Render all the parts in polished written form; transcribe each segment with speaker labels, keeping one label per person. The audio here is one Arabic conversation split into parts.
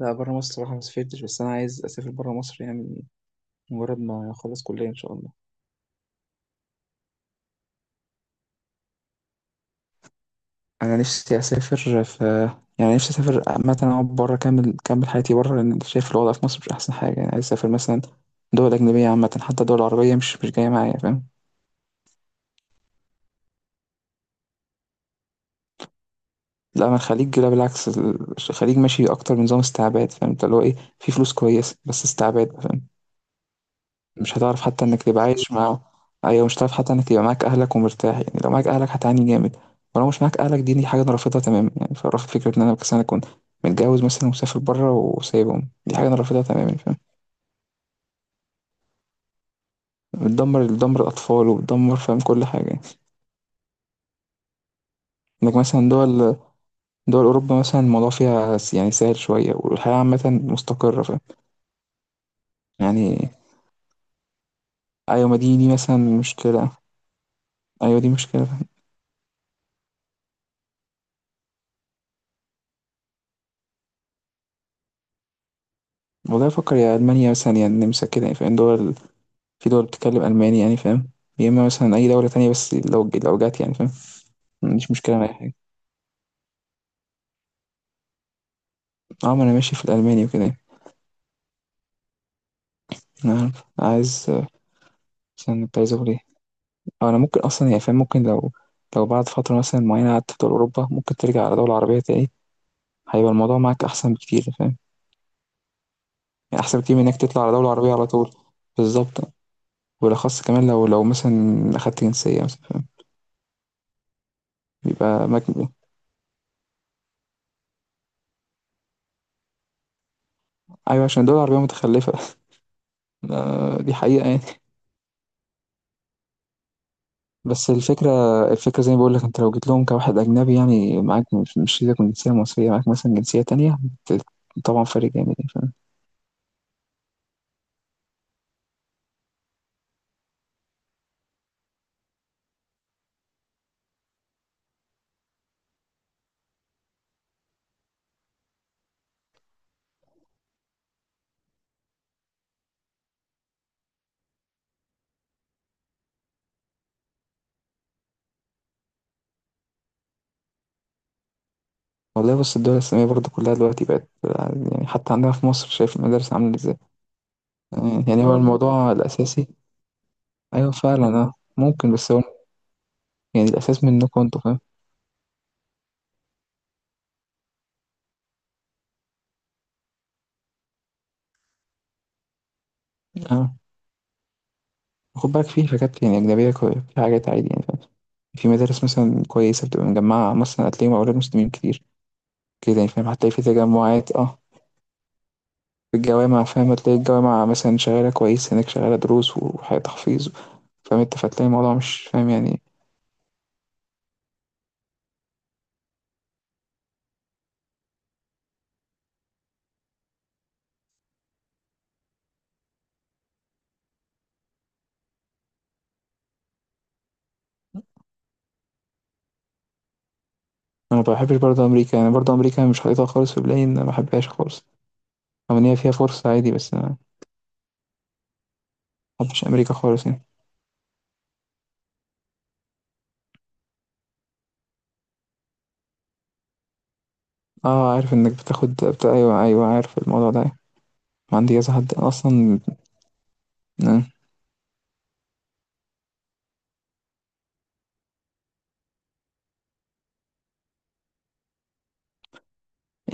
Speaker 1: لا، بره مصر صراحة ما سافرتش، بس أنا عايز أسافر بره مصر يعني مجرد ما أخلص كلية إن شاء الله. أنا نفسي أسافر في، يعني نفسي أسافر عامة، أقعد بره، أكمل حياتي بره لأن شايف الوضع في مصر مش أحسن حاجة يعني، عايز أسافر مثلا دول أجنبية عامة، حتى دول عربية مش جاية معايا، فاهم؟ لا، أنا الخليج لا، بالعكس. الخليج ماشي أكتر بنظام استعباد، فاهم أنت؟ اللي هو إيه، في فلوس كويسة بس استعباد، فاهم. مش هتعرف حتى انك تبقى عايش معاهم. ايوه، مش هتعرف حتى انك تبقى معاك اهلك ومرتاح يعني، لو معاك اهلك هتعاني جامد، ولو مش معاك اهلك دي حاجه انا رافضها تماما، يعني فرافض فكره ان انا مثلا اكون متجوز مثلا ومسافر بره وسايبهم، دي حاجه انا رافضها تماما، فاهم. بتدمر الاطفال وبتدمر، فاهم، كل حاجه. انك مثلا دول اوروبا مثلا الموضوع فيها يعني سهل شويه، والحياه عامه مستقره، فاهم. يعني ايوه، ما دي مثلا مشكله. ايوه، دي مشكله، فاهم. والله افكر يا المانيا مثلا يا النمسا كده يعني، فاهم. دول في دول بتتكلم ألماني يعني، فاهم. يا إما مثلا أي دولة تانية، بس لو جات يعني فاهم، مش مشكلة مع أي حاجة. اه، ما أنا ماشي في الألماني وكده يعني. أنا عارف. عايز مثلا كنت عايز أقول إيه، أو أنا ممكن أصلا يعني فاهم، ممكن لو بعد فترة مثلا معينة قعدت في دول أوروبا، ممكن ترجع على دولة عربية تاني، هيبقى الموضوع معاك أحسن بكتير، فاهم. يعني أحسن بكتير من إنك تطلع على دولة عربية على طول. بالظبط. وبالأخص كمان لو مثلا أخدت جنسية مثلا، فاهم. بيبقى مجموع. أيوة، عشان الدول العربية متخلفة. آه، دي حقيقة يعني. بس الفكرة زي ما بقول لك انت، لو جيت لهم كواحد أجنبي يعني معاك مش سيبك من جنسية مصرية، معاك مثلا جنسية تانية، بت- طبعا فرق جامد يعني، فاهم. والله بص، الدول الإسلامية برضه كلها دلوقتي بقت يعني، حتى عندنا في مصر شايف المدارس عاملة ازاي. يعني هو والله الموضوع الأساسي. أيوه فعلا، اه ممكن، بس هو يعني الأساس منكم انتوا، فاهم. اه، خد بالك، في حاجات يعني أجنبية في حاجات عادي يعني، فاهم. في مدارس مثلا كويسة بتبقى مجمعة، مثلا هتلاقيهم أولاد مسلمين كتير كده يعني، فاهم. هتلاقي في تجمعات، اه. في الجوامع، فاهم، هتلاقي الجوامع مثلا شغالة كويس، هناك شغالة دروس وحياة تحفيظ، فاهم انت؟ فتلاقي الموضوع مش فاهم يعني. انا ما بحبش برضه امريكا يعني، برضه امريكا مش حاططها خالص في بالي، ان انا ما بحبهاش خالص، رغم ان هي فيها فرصة عادي، بس انا ما بحبش امريكا خالص يعني. اه، عارف انك بتاخد بتاع. ايوه، ايوه، عارف الموضوع ده. عندي كذا حد اصلا آه،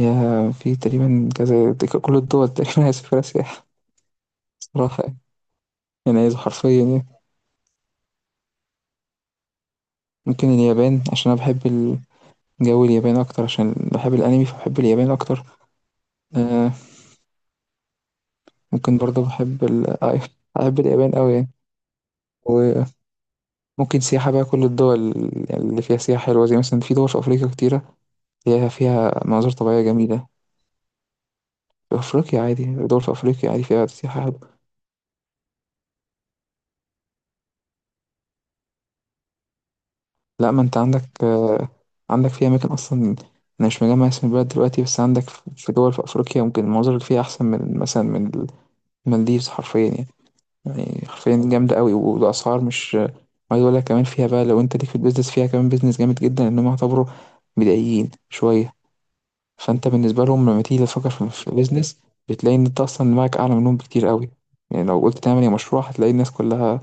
Speaker 1: يا في تقريبا كذا، كل الدول تقريبا هيسافرها سياحة صراحة يعني، يعني عايز حرفيا يعني. ممكن اليابان عشان انا بحب جو اليابان اكتر، عشان بحب الانمي، فبحب اليابان اكتر آه، ممكن برضه بحب بحب اليابان أوي يعني. وممكن سياحة بقى، كل الدول اللي فيها سياحة حلوة زي مثلا في دول في أفريقيا كتيرة فيها مناظر طبيعية جميلة. في أفريقيا عادي، دول في أفريقيا عادي فيها سياحة حلوة. لا، ما أنت عندك، عندك في أماكن أصلا. أنا مش مجمع اسم البلد دلوقتي، بس عندك في دول في أفريقيا ممكن المناظر اللي فيها أحسن من مثلا من المالديفز حرفيا يعني. يعني حرفيا جامدة قوي، والأسعار مش عايز أقول لك، كمان فيها بقى لو أنت ليك في البيزنس، فيها كمان بيزنس جامد جدا إن هم يعتبروا بدائيين شوية. فأنت بالنسبة لهم لما تيجي تفكر في بيزنس، بتلاقي إن أنت أصلا دماغك أعلى منهم بكتير قوي. يعني لو قلت تعمل يا مشروع، هتلاقي الناس كلها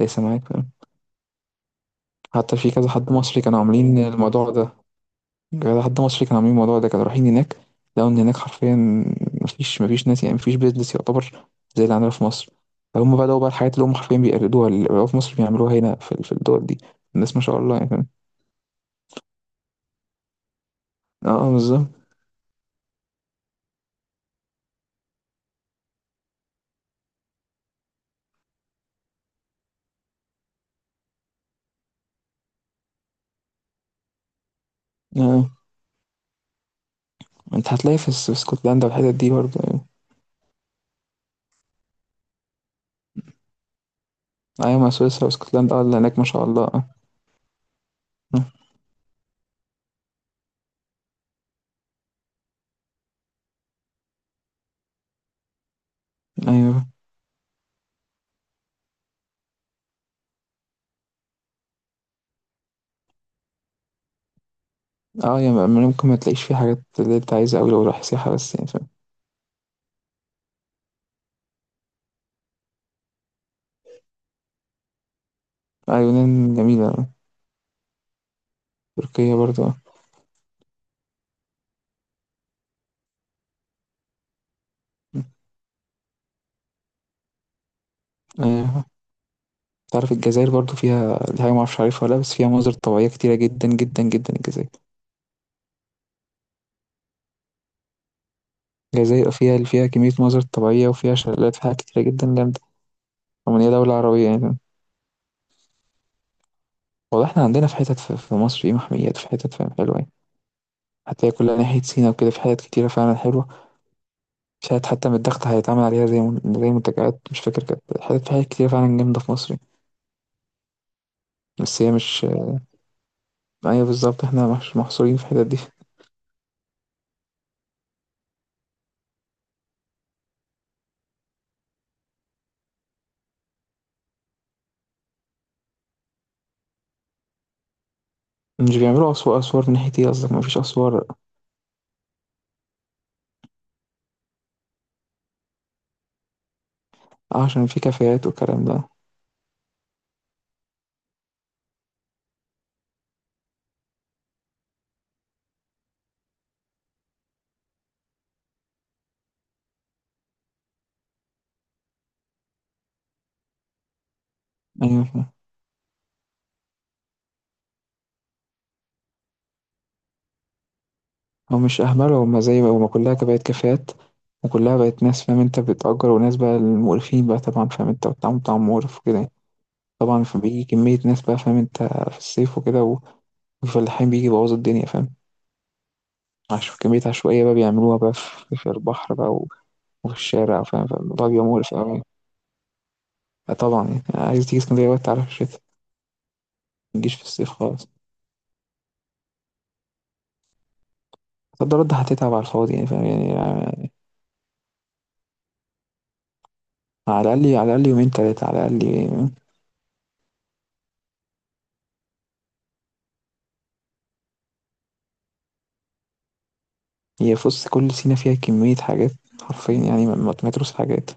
Speaker 1: ليس معاك، فاهم؟ حتى في كذا حد مصري كانوا عاملين الموضوع ده، لحد ما مصر كانوا عاملين الموضوع ده، كانوا رايحين هناك، لقوا ان هناك حرفيا مفيش ناس يعني، مفيش بيزنس يعتبر زي اللي عندنا في مصر، فهم بدأوا بقى الحاجات اللي هم حرفيا بيقلدوها، اللي بقوا في مصر بيعملوها هنا في الدول دي. الناس ما شاء الله يعني، فاهم؟ اه بالظبط، اه. انت هتلاقي في اسكتلندا والحتت دي برضه يعني. ايوه، مع سويسرا واسكتلندا، اه، اللي هناك ما شاء الله، اه. آه. ايوه، اه يعني ممكن ما تلاقيش فيه حاجات اللي انت عايزها اوي لو رايح سياحة بس يعني، فاهم. آه، يونان جميلة. تركيا برضه. آه. ايوه، تعرف الجزائر برضو فيها، دي حاجة معرفش عارفها ولا لأ، بس فيها مناظر طبيعية كتيرة جدا جدا جدا الجزائر. الجزائر فيها كمية مناظر طبيعية، وفيها شلالات، فيها حاجات كتيرة جدا جامدة، رغم إن هي دولة عربية يعني. والله احنا عندنا في حتت في مصر، في محميات، في حتت، فاهم، حلوة يعني. هتلاقي كلها ناحية سينا وكده، في حتت كتيرة فعلا حلوة. في حتت حتى من الضغط هيتعمل عليها زي زي منتجعات، مش فاكر، كانت حتت، في حتت كتيرة فعلا جامدة في مصر يعني. بس هي مش. أيوة بالظبط، احنا مش محصورين في الحتت دي. مش بيعملوا أسوار، أسوار من ناحية ايه قصدك؟ مفيش أسوار. عشان في كافيهات والكلام ده؟ أيوة، هو مش أهمله، هما زي ما هما كلها بقت كافيهات، وكلها بقت ناس، فاهم انت، بتأجر، وناس بقى المقرفين بقى، طبعا فاهم انت، والتعامل بتاعهم مقرف وكده يعني. طبعا فبيجي كمية ناس بقى، فاهم انت، في الصيف وكده، والفلاحين بيجي يبوظوا الدنيا، فاهم. عشان كمية عشوائية بقى بيعملوها بقى في البحر بقى، وفي الشارع، فاهم، فالموضوع بيبقى مقرف أوي يعني. آه طبعا يعني، عايز تيجي اسكندرية بقى تعرف الشتا، متجيش في الصيف خالص. صد رد هتتعب على الفاضي يعني، فاهم يعني على الأقل، على الأقل يومين تلاتة على الأقل. هي بص، كل سينا فيها كمية حاجات حرفيا يعني، ما تمتروش حاجات،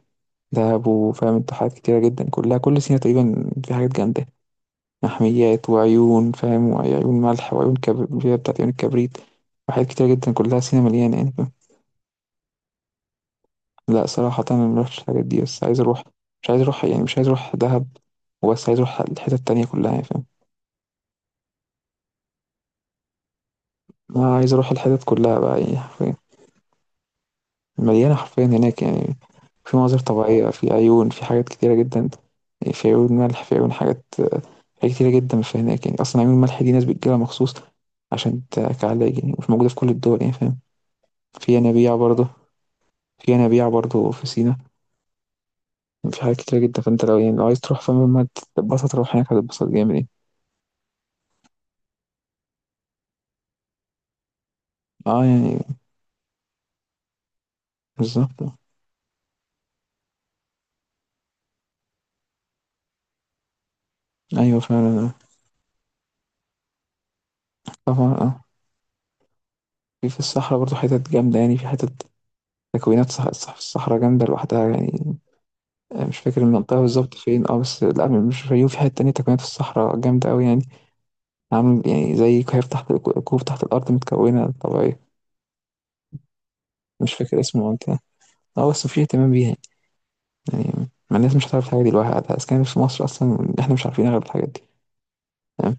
Speaker 1: دهب وفاهم انت، حاجات كتيرة جدا، كلها كل سينا تقريبا في حاجات جامدة. محميات وعيون، فاهم، وعيون ملح وعيون كبريت بتاعت عيون الكبريت، وحاجات كتيرة جدا، كلها سينا مليانة يعني، فاهم. لا صراحة أنا مروحتش الحاجات دي، بس عايز أروح. مش عايز أروح يعني، مش عايز أروح دهب وبس، عايز أروح الحتت التانية كلها يعني، فاهم. أنا عايز أروح الحتت كلها بقى يعني، مليانة حرفيا هناك يعني. في مناظر طبيعية، في عيون، في حاجات كتيرة جدا، في عيون ملح، في عيون حاجات، حاجات كتيرة جدا في هناك يعني. أصلا عيون الملح دي ناس بتجيلها مخصوص عشان كعلاج يعني، مش موجودة في كل الدول يعني، فاهم. في ينابيع برضه في ينابيع برضه في سينا، في حاجات كتيرة جدا، فأنت لو يعني لو عايز تروح، فاهم، ما تتبسط تروح هناك هتتبسط جامد يعني. اه يعني. بالظبط. أيوة فعلا، آه، طبعا اه. في الصحراء برضه حتت جامدة يعني، في حتت تكوينات. صح صح، في الصحراء جامدة لوحدها يعني، يعني مش فاكر المنطقة بالظبط فين، اه بس لا، مش في الفيوم، في حتة تانية، تكوينات في الصحراء جامدة أوي يعني، عامل يعني زي كهف تحت كوب تحت الأرض متكونة طبيعية. مش فاكر اسم المنطقة، اه بس في اهتمام بيها، يعني ما الناس مش هتعرف الحاجة دي لوحدها، أسكان في مصر أصلا إحنا مش عارفين أغلب الحاجات دي. تمام.